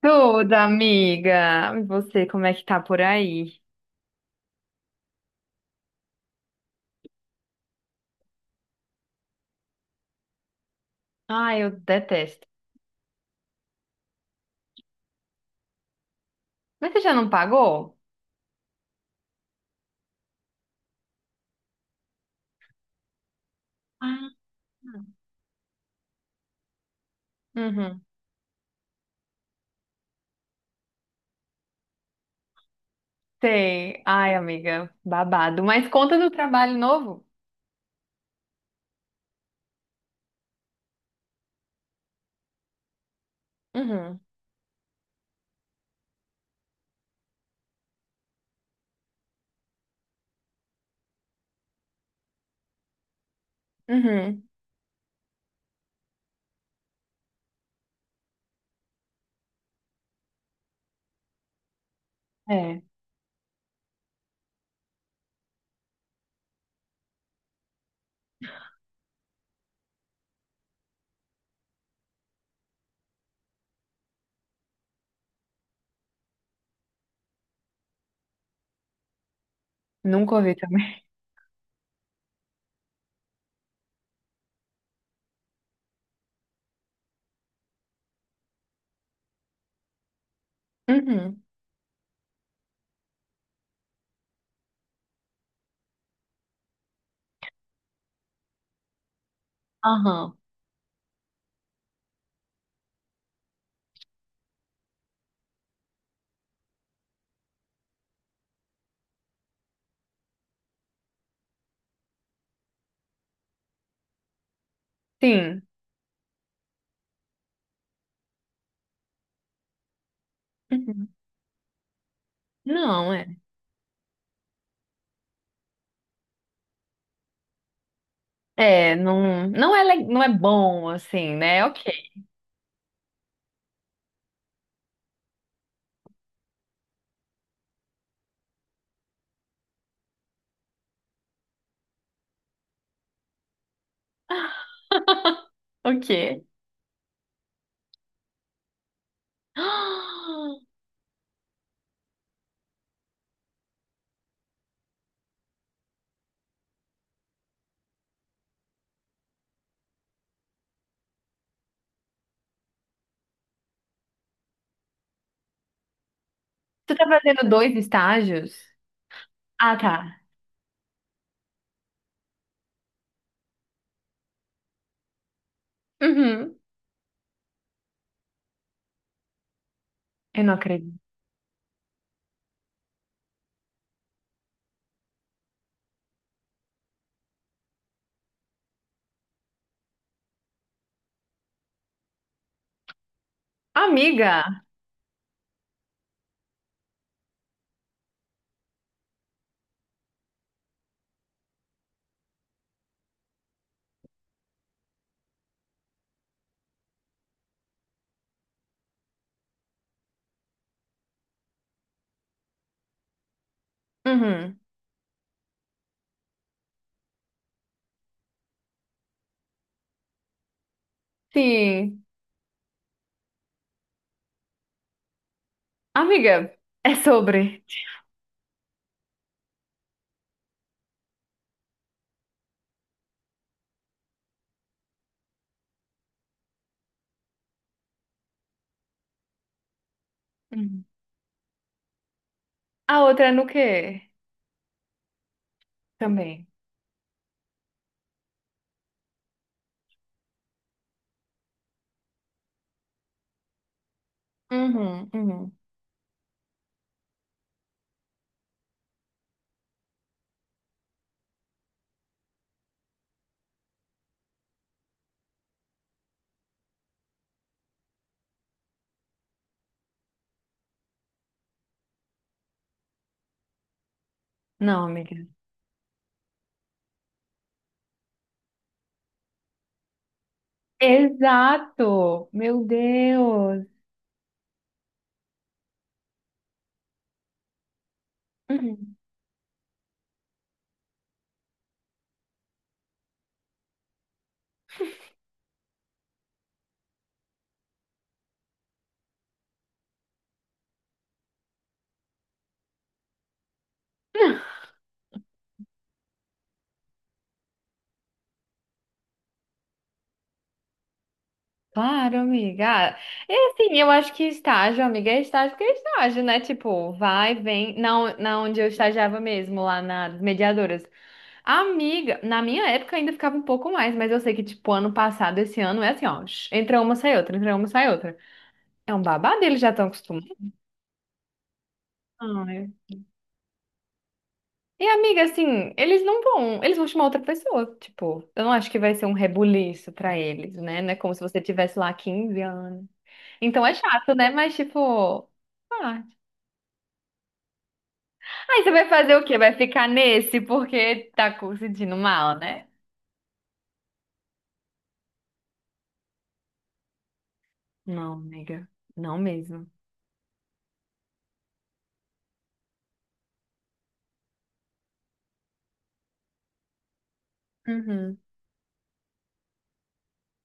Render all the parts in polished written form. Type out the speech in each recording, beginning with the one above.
Tudo, amiga. E você, como é que tá por aí? Ai, eu detesto. Mas você já não pagou? Ah, uhum. Sei. Ai, amiga, babado. Mas conta do trabalho novo? Uhum. Uhum. É, nunca ouvi também. Uhum. Aham. Sim. Uhum. Não, é. É, não, não é, não é bom, assim, né? Ok. Ok. Você tá fazendo dois estágios? Ah, tá. Uhum. Eu não acredito. Amiga! Uhum. Sim. Amiga, é sobre. Uhum. A outra é no quê? Também. Uhum, uhum. Não, amiga. Exato! Meu Deus! Uhum. Claro, amiga. Ah, e assim, eu acho que estágio, amiga, é estágio que é estágio, né? Tipo, vai, vem. Na onde eu estagiava mesmo, lá nas mediadoras. Amiga, na minha época ainda ficava um pouco mais, mas eu sei que, tipo, ano passado, esse ano, é assim, ó, entra uma, sai outra, entra uma, sai outra. É um babado, eles já estão acostumados. Ai. E, amiga, assim, eles não vão, eles vão chamar outra pessoa, tipo, eu não acho que vai ser um rebuliço pra eles, né? Não é como se você tivesse lá 15 anos. Então é chato, né? Mas, tipo, ah. Aí você vai fazer o quê? Vai ficar nesse porque tá sentindo mal, né? Não, amiga, não mesmo. Uhum.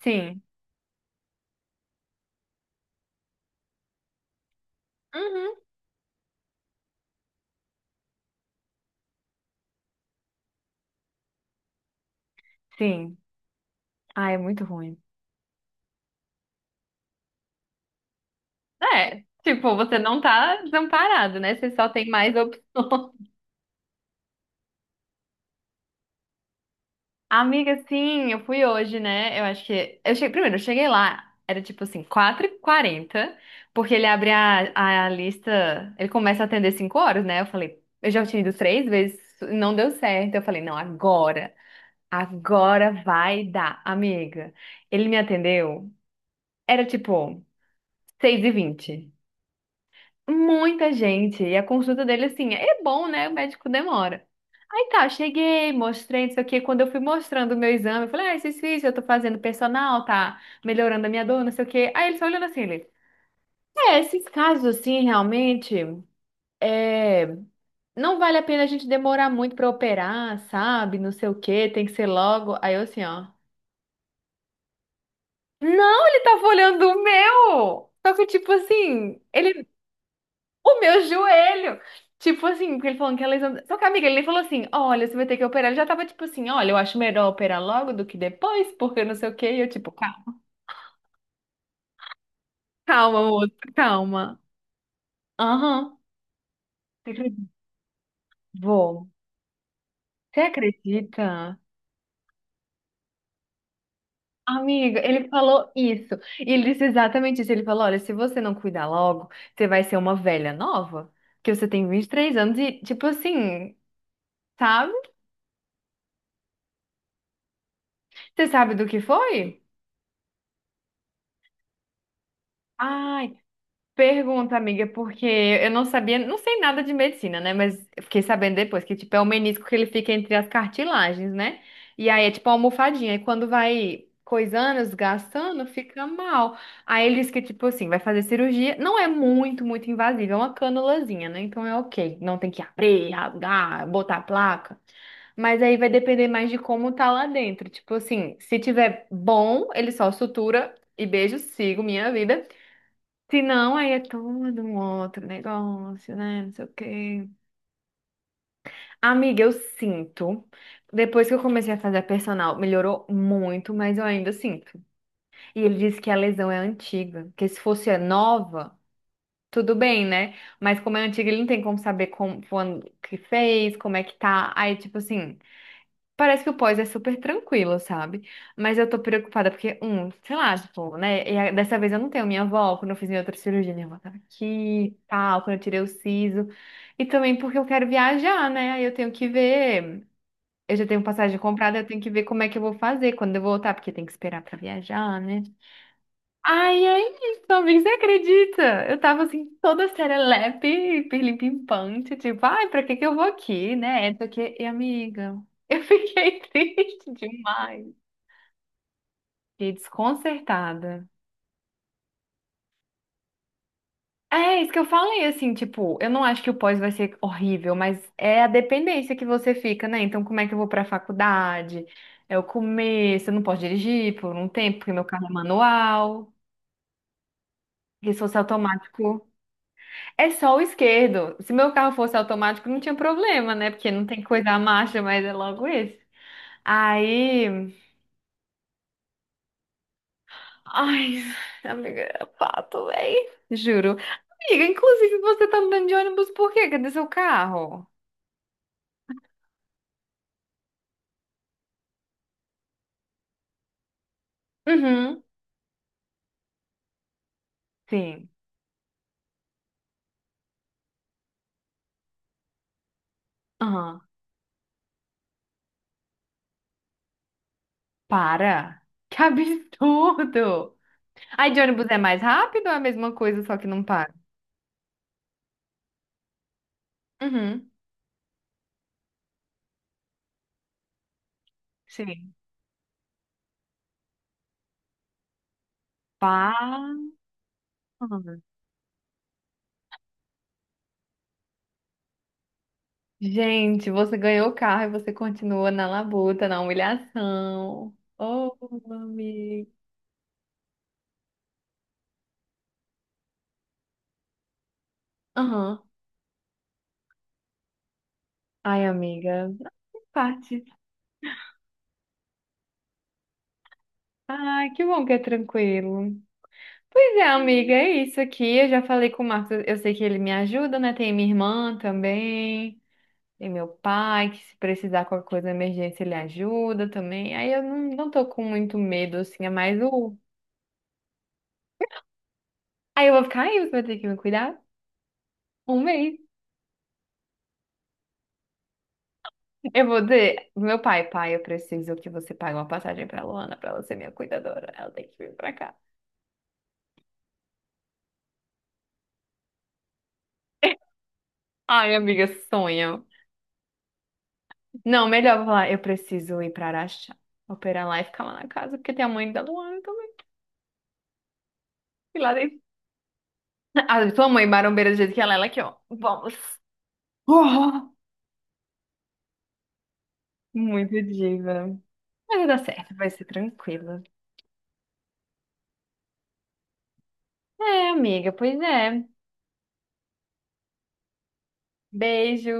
Sim. Uhum. Sim. Ah, é muito ruim. É, tipo, você não tá desamparado, né? Você só tem mais opções. Amiga, sim, eu fui hoje, né? Eu acho que. Eu cheguei... Primeiro, eu cheguei lá, era tipo assim, quatro h 40 porque ele abre a lista, ele começa a atender 5 horas, né? Eu falei, eu já tinha ido três vezes, não deu certo. Eu falei, não, agora, agora vai dar, amiga. Ele me atendeu, era tipo 6h20. Muita gente. E a consulta dele, assim, é bom, né? O médico demora. Aí tá, cheguei, mostrei isso aqui. Quando eu fui mostrando o meu exame, eu falei, ah, esses fiz, eu tô fazendo personal, tá melhorando a minha dor, não sei o quê. Aí ele só olhando assim, ele, é, esses casos, assim, realmente, é, não vale a pena a gente demorar muito pra operar, sabe? Não sei o quê, tem que ser logo. Aí eu assim, ó, não, ele tava olhando o meu! Só que, tipo assim, ele o meu joelho. Tipo assim, porque ele falou que a lesão. Só que, amiga, ele nem falou assim: olha, você vai ter que operar. Ele já tava tipo assim: olha, eu acho melhor operar logo do que depois, porque não sei o quê. E eu, tipo, calma, calma, moço, calma. Aham. Você acredita? Vou. Você acredita? Amiga, ele falou isso. E ele disse exatamente isso. Ele falou: olha, se você não cuidar logo, você vai ser uma velha nova, que você tem 23 anos e, tipo assim, sabe? Você sabe do que foi? Ai, pergunta, amiga, porque eu não sabia, não sei nada de medicina, né? Mas eu fiquei sabendo depois que, tipo, é o menisco que ele fica entre as cartilagens, né? E aí é tipo uma almofadinha. E quando vai coisando, desgastando, fica mal. Aí ele diz que, tipo assim, vai fazer cirurgia. Não é muito, muito invasiva, é uma canulazinha, né? Então é ok. Não tem que abrir, rasgar, botar a placa. Mas aí vai depender mais de como tá lá dentro. Tipo assim, se tiver bom, ele só sutura e beijo, sigo minha vida. Se não, aí é todo um outro negócio, né? Não sei o quê. Amiga, eu sinto. Depois que eu comecei a fazer a personal, melhorou muito, mas eu ainda sinto. E ele disse que a lesão é antiga, que se fosse a nova, tudo bem, né? Mas como é antiga, ele não tem como saber como, quando que fez, como é que tá. Aí, tipo assim. Parece que o pós é super tranquilo, sabe? Mas eu tô preocupada porque, um, sei lá, tipo, né? E dessa vez eu não tenho minha avó, quando eu fiz minha outra cirurgia, minha avó tava aqui, tal, quando eu tirei o siso. E também porque eu quero viajar, né? Aí eu tenho que ver. Eu já tenho passagem comprada, eu tenho que ver como é que eu vou fazer quando eu voltar, porque tem que esperar pra viajar, né? Ai, ai, também você acredita? Eu tava assim, toda serelepe, hiperlimpante, tipo, ai, pra que que eu vou aqui, né? Só aqui e amiga, eu fiquei triste demais. Fiquei desconcertada. É isso que eu falei, assim, tipo, eu não acho que o pós vai ser horrível, mas é a dependência que você fica, né? Então, como é que eu vou pra faculdade? É o começo, eu não posso dirigir por um tempo, porque meu carro é manual, porque se fosse automático. É só o esquerdo. Se meu carro fosse automático, não tinha problema, né? Porque não tem que cuidar a marcha, mas é logo esse. Aí. Ai, amiga, é pato, véi. Juro. Amiga, inclusive você tá andando de ônibus por quê? Cadê seu carro? Uhum. Sim. Aham. Para. Que absurdo. Aí de ônibus é mais rápido ou é a mesma coisa, só que não para? Uhum. Sim. Para. Gente, você ganhou o carro e você continua na labuta, na humilhação. Oh, amiga. Aham. Ai, amiga. Na parte. Ai, que bom que é tranquilo. Pois é, amiga, é isso aqui. Eu já falei com o Marcos. Eu sei que ele me ajuda, né? Tem minha irmã também. Tem meu pai, que se precisar de qualquer coisa, de emergência, ele ajuda também. Aí eu não, não tô com muito medo, assim. É mais o. Aí eu vou ficar aí, você vai ter que me cuidar. Um mês. Eu vou dizer, pro meu pai, pai, eu preciso que você pague uma passagem pra Luana pra ela ser minha cuidadora. Ela tem que vir pra cá. Ai, amiga, sonho. Não, melhor eu vou falar, eu preciso ir pra Araxá, operar lá e ficar lá na casa, porque tem a mãe da Luana também. E lá dentro. A tua mãe, marombeira do jeito que ela é aqui, ó. Vamos. Oh, muito diva. Mas vai dar certo, vai ser tranquila. É, amiga, pois é. Beijo.